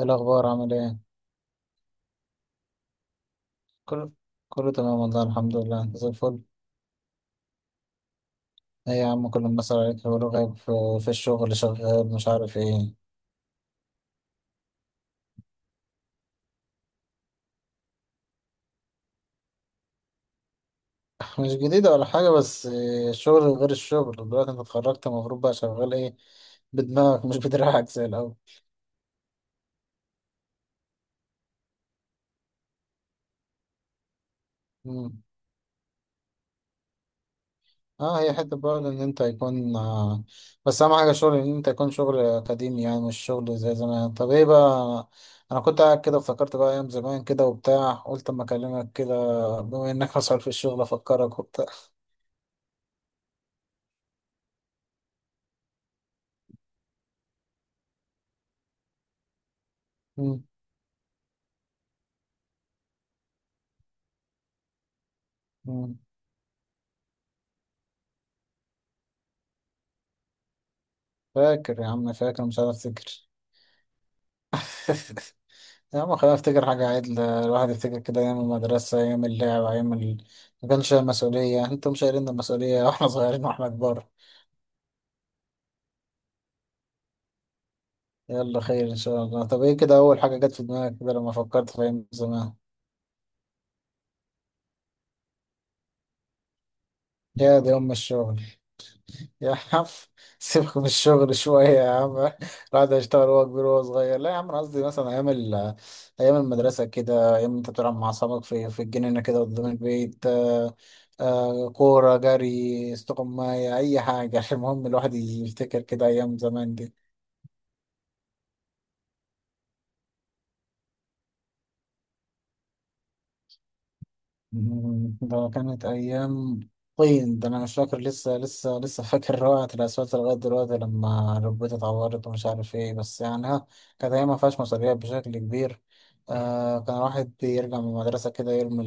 إيه الأخبار عامل إيه؟ كله كله تمام والله، الحمد لله. أنت زي الفل. إيه يا عم، كل الناس عليك يقولوا غايب في الشغل، شغال مش عارف إيه. مش جديدة ولا حاجة بس إيه، الشغل غير الشغل دلوقتي. أنت اتخرجت، المفروض بقى شغال إيه بدماغك مش بدراعك زي الأول. مم. اه، هي حتة برضه إن أنت يكون بس أهم حاجة شغل، إن أنت يكون شغل أكاديمي يعني مش شغل زي زمان. طب إيه بقى، أنا كنت قاعد كده افتكرت بقى أيام زمان كده وبتاع، قلت أما أكلمك كده بما إنك مسؤول في الشغل أفكرك وبتاع. مم. مم. فاكر يا عم، فاكر مش عارف افتكر. يا عم، خلينا افتكر حاجة عدلة، الواحد يفتكر كده أيام المدرسة، أيام اللعب، ما كانش شايل مسؤولية، انتوا مش شايلين المسؤولية واحنا صغيرين واحنا كبار. يلا خير إن شاء الله. طب ايه كده أول حاجة جت في دماغك كده لما فكرت في أيام زمان؟ يا دي أم الشغل يا عم، سيبك من الشغل شوية يا عم، الواحد هيشتغل وهو كبير وهو صغير. لا يا عم، أنا قصدي مثلا أيام المدرسة كده، أيام أنت بتلعب مع أصحابك في الجنينة كده قدام البيت. كورة، جري، استقماية، أي حاجة المهم الواحد يفتكر كده أيام زمان دي. ده كانت أيام طين. ده أنا مش فاكر، لسه لسه لسه فاكر روعة الأسفلت لغاية دلوقتي، لما ركبتي اتعورت ومش عارف إيه بس يعني ها. كانت أيام ما فيهاش مسؤوليات بشكل كبير. آه كان الواحد بيرجع من المدرسة كده، يرمي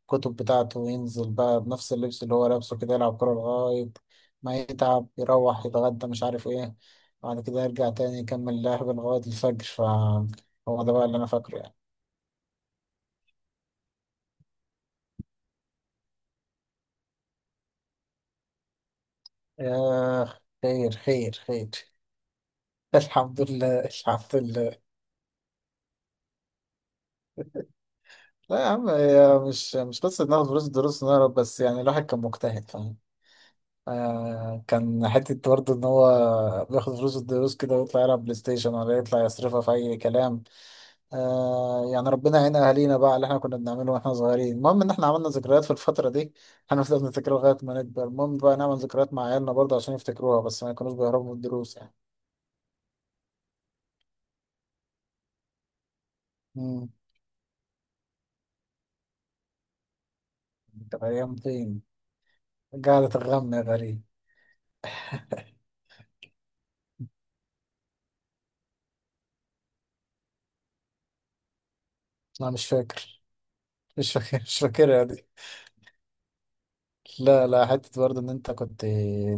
الكتب بتاعته وينزل بقى بنفس اللبس اللي هو لابسه كده، يلعب كورة لغاية ما يتعب، يروح يتغدى مش عارف إيه، بعد كده يرجع تاني يكمل لعب لغاية الفجر. فهو ده بقى اللي أنا فاكره يعني. آه، خير خير خير. الحمد لله، الحمد لله. لا يا عم، هي مش قصة ناخد فلوس الدروس ونهرب بس، يعني الواحد كان مجتهد فاهم. آه كان حتة برضه إن هو بياخد فلوس الدروس كده ويطلع يلعب بلاي ستيشن، ولا يطلع يصرفها في أي كلام. آه يعني ربنا يعين أهالينا بقى على اللي إحنا كنا بنعمله وإحنا صغيرين. المهم إن إحنا عملنا ذكريات في الفترة دي، هنفضل نفتكرها لغاية ما نكبر. المهم بقى نعمل ذكريات مع عيالنا برضه عشان يفتكروها، بس ما يكونوش بيهربوا من الدروس يعني. مم. طب أيام فين؟ قعدة الغم يا غريب. أنا مش فاكر، مش فاكر، مش فاكرها دي. لا لا، حتة برضه إن أنت كنت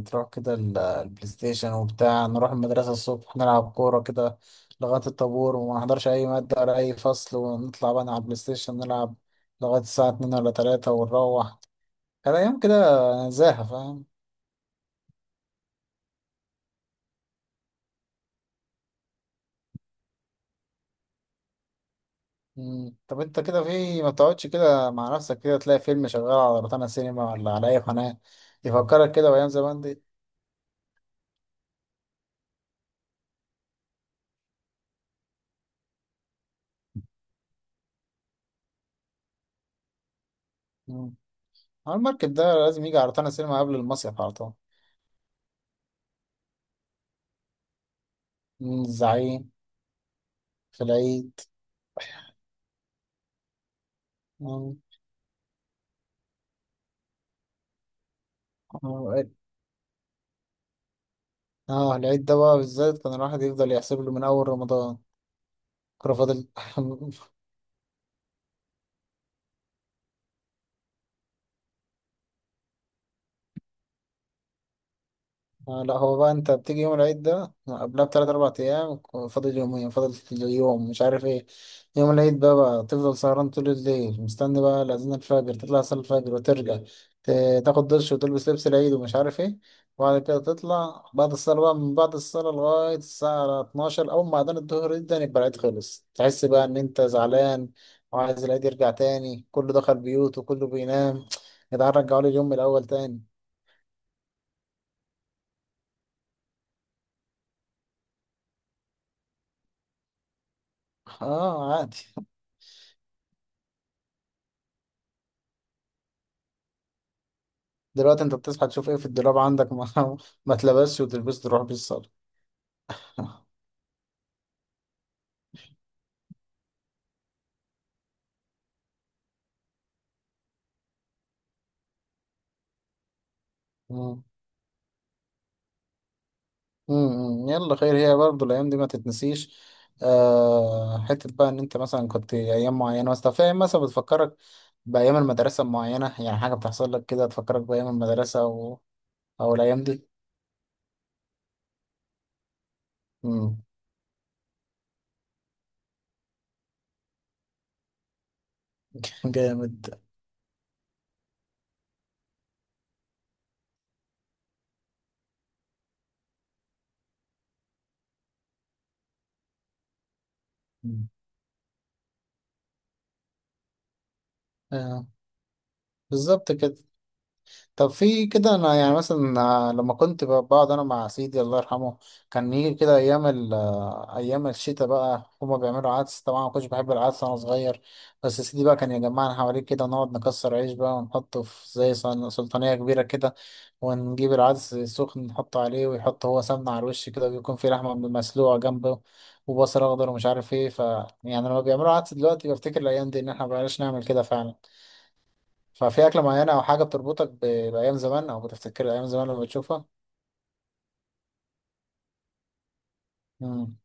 تروح كده البلاي ستيشن وبتاع. نروح المدرسة الصبح نلعب كورة كده لغاية الطابور، وما نحضرش أي مادة ولا أي فصل، ونطلع بقى على البلاي ستيشن نلعب لغاية الساعة اتنين ولا تلاتة ونروح. كان أيام كده زاهة فاهم. مم. طب أنت كده في ما بتقعدش كده مع نفسك كده تلاقي فيلم شغال على روتانا سينما ولا على أي قناة يفكرك كده بأيام زمان دي؟ مم. على المركب ده لازم يجي على روتانا سينما قبل المصيف على طول. الزعيم في العيد. اه العيد ده بقى بالذات كان الواحد يفضل يحسب له من أول رمضان. كان فاضل آه لا، هو بقى انت بتيجي يوم العيد ده قبلها بتلات اربع ايام، فاضل يومين، فاضل اليوم مش عارف ايه. يوم العيد ده بقى تفضل سهران طول الليل مستني بقى لأذان الفجر، تطلع صلاة الفجر وترجع تاخد دش وتلبس لبس العيد ومش عارف ايه. وبعد كده تطلع بعد الصلاة، بقى من بعد الصلاة لغاية الساعة 12 أول ما أذان الظهر يبدأ، يبقى العيد خلص. تحس بقى إن أنت زعلان وعايز العيد يرجع تاني، كله دخل بيوته كله بينام. يا جدعان رجعوا لي اليوم من الأول تاني. اه عادي. دلوقتي انت بتصحى تشوف ايه في الدولاب عندك ما, ما تلبسش وتلبس تروح بيه الصالة. مم. مم. يلا خير، هي برضه الايام دي ما تتنسيش. آه حته بقى ان انت مثلا كنت ايام معينه، بس فاهم مثلا بتفكرك بايام المدرسه معينه، يعني حاجه بتحصل لك كده تفكرك بايام المدرسه او الايام دي. مم. جامد. مم. آه بالظبط كده. طب في كده انا يعني مثلا آه، لما كنت بقعد انا مع سيدي الله يرحمه، كان يجي كده ايام ال آه، ايام الشتاء، بقى هما بيعملوا عدس. طبعا ما كنتش بحب العدس وانا صغير، بس سيدي بقى كان يجمعنا حواليه كده، نقعد نكسر عيش بقى ونحطه في زي سلطانية كبيرة كده، ونجيب العدس سخن نحطه عليه، ويحط هو سمنة على الوش كده، ويكون في لحمة مسلوقة جنبه وبصل اخضر ومش عارف ايه، ف يعني لما بيعملوا عدس دلوقتي بفتكر الايام دي، ان احنا مبقناش نعمل كده فعلا. ففي أكلة معينة أو حاجة بتربطك بأيام زمان، أو بتفتكر أيام زمان لما بتشوفها؟ مم.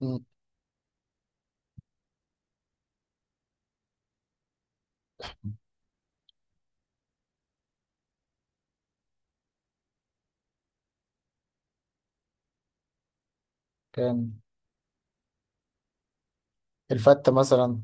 مم. كان الفتة مثلا.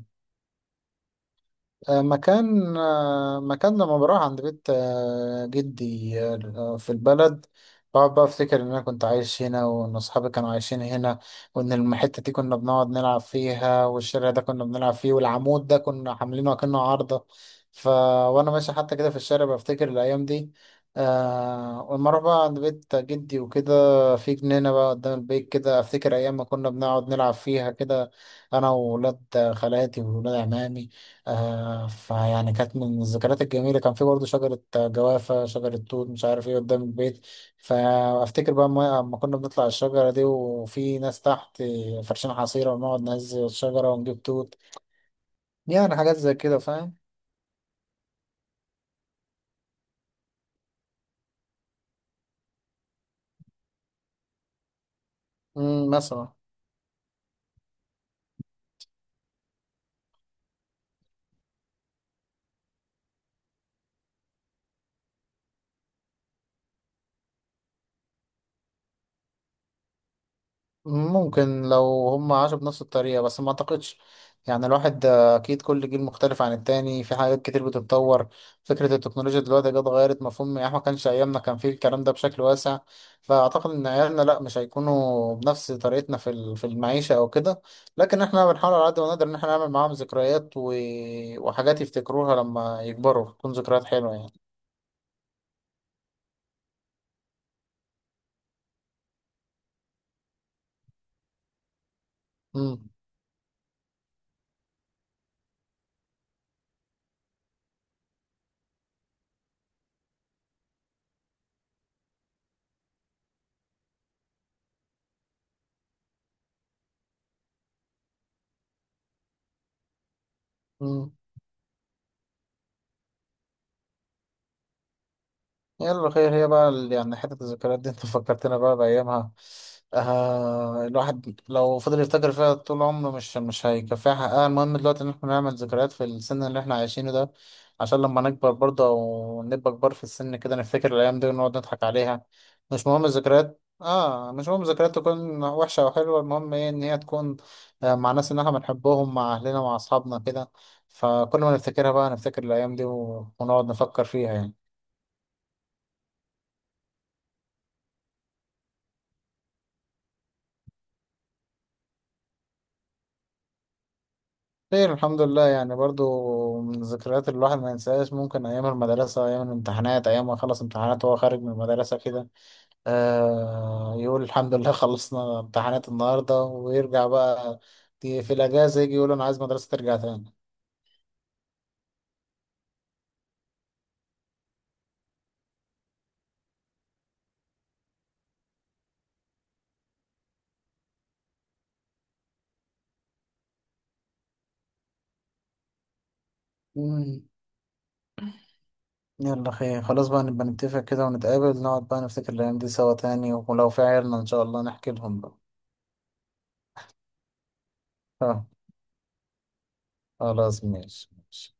مكان، مكان لما بروح عند بيت جدي في البلد، بقعد بقى افتكر ان انا كنت عايش هنا، وان اصحابي كانوا عايشين هنا، وان الحته دي كنا بنقعد نلعب فيها، والشارع ده كنا بنلعب فيه، والعمود ده كنا عاملينه اكنه عارضه. ف وانا ماشي حتى كده في الشارع بفتكر الايام دي. آه ولما اروح بقى عند بيت جدي وكده في جنينه بقى قدام البيت كده، افتكر ايام ما كنا بنقعد نلعب فيها كده انا وولاد خالاتي وولاد عمامي. فيعني كانت من الذكريات الجميلة، كان في برضه شجرة جوافة، شجرة توت مش عارف ايه قدام البيت. فأفتكر بقى أما كنا بنطلع الشجرة دي، وفي ناس تحت فرشين حصيرة ونقعد نهز الشجرة ونجيب توت. يعني حاجات زي كده فاهم. مثلا ممكن لو هم عاشوا بنفس الطريقة، بس ما اعتقدش. يعني الواحد اكيد كل جيل مختلف عن التاني في حاجات كتير بتتطور. فكرة التكنولوجيا دلوقتي جت غيرت مفهوم، يعني إحنا ما كانش ايامنا كان فيه الكلام ده بشكل واسع. فاعتقد ان عيالنا لا، مش هيكونوا بنفس طريقتنا في في المعيشة او كده. لكن احنا بنحاول على قد ما نقدر ان احنا نعمل معاهم ذكريات وحاجات يفتكروها لما يكبروا تكون ذكريات حلوة يعني. امم. امم. يلا خير، هي بقى يعني حتة الذكريات دي انت فكرتنا بقى بأيامها. آه، الواحد لو فضل يفتكر فيها طول عمره مش هيكفيها حقها. المهم دلوقتي ان احنا نعمل ذكريات في السن اللي احنا عايشينه ده، عشان لما نكبر برضه او نبقى كبار في السن كده، نفتكر الأيام دي ونقعد نضحك عليها. مش مهم الذكريات، اه مش مهم الذكريات تكون وحشة أو حلوة، المهم ايه؟ ان هي تكون آه، مع ناس ان احنا بنحبهم، مع أهلنا مع أصحابنا كده. فكل ما نفتكرها بقى نفتكر الأيام دي ونقعد نفكر فيها يعني. خير الحمد لله. يعني برضو من الذكريات اللي الواحد ما ينساهاش ممكن أيام المدرسة، أيام الامتحانات، أيام ما خلص امتحانات وهو خارج من المدرسة كده، آه يقول الحمد لله خلصنا امتحانات النهاردة، ويرجع بقى في الأجازة يجي يقول أنا عايز مدرسة ترجع تاني. مم. يلا خير، خلاص بقى نبقى نتفق كده ونتقابل، نقعد بقى نفتكر الأيام دي سوا تاني ولو في عيالنا إن شاء الله نحكي لهم بقى. آه، خلاص ماشي ماشي.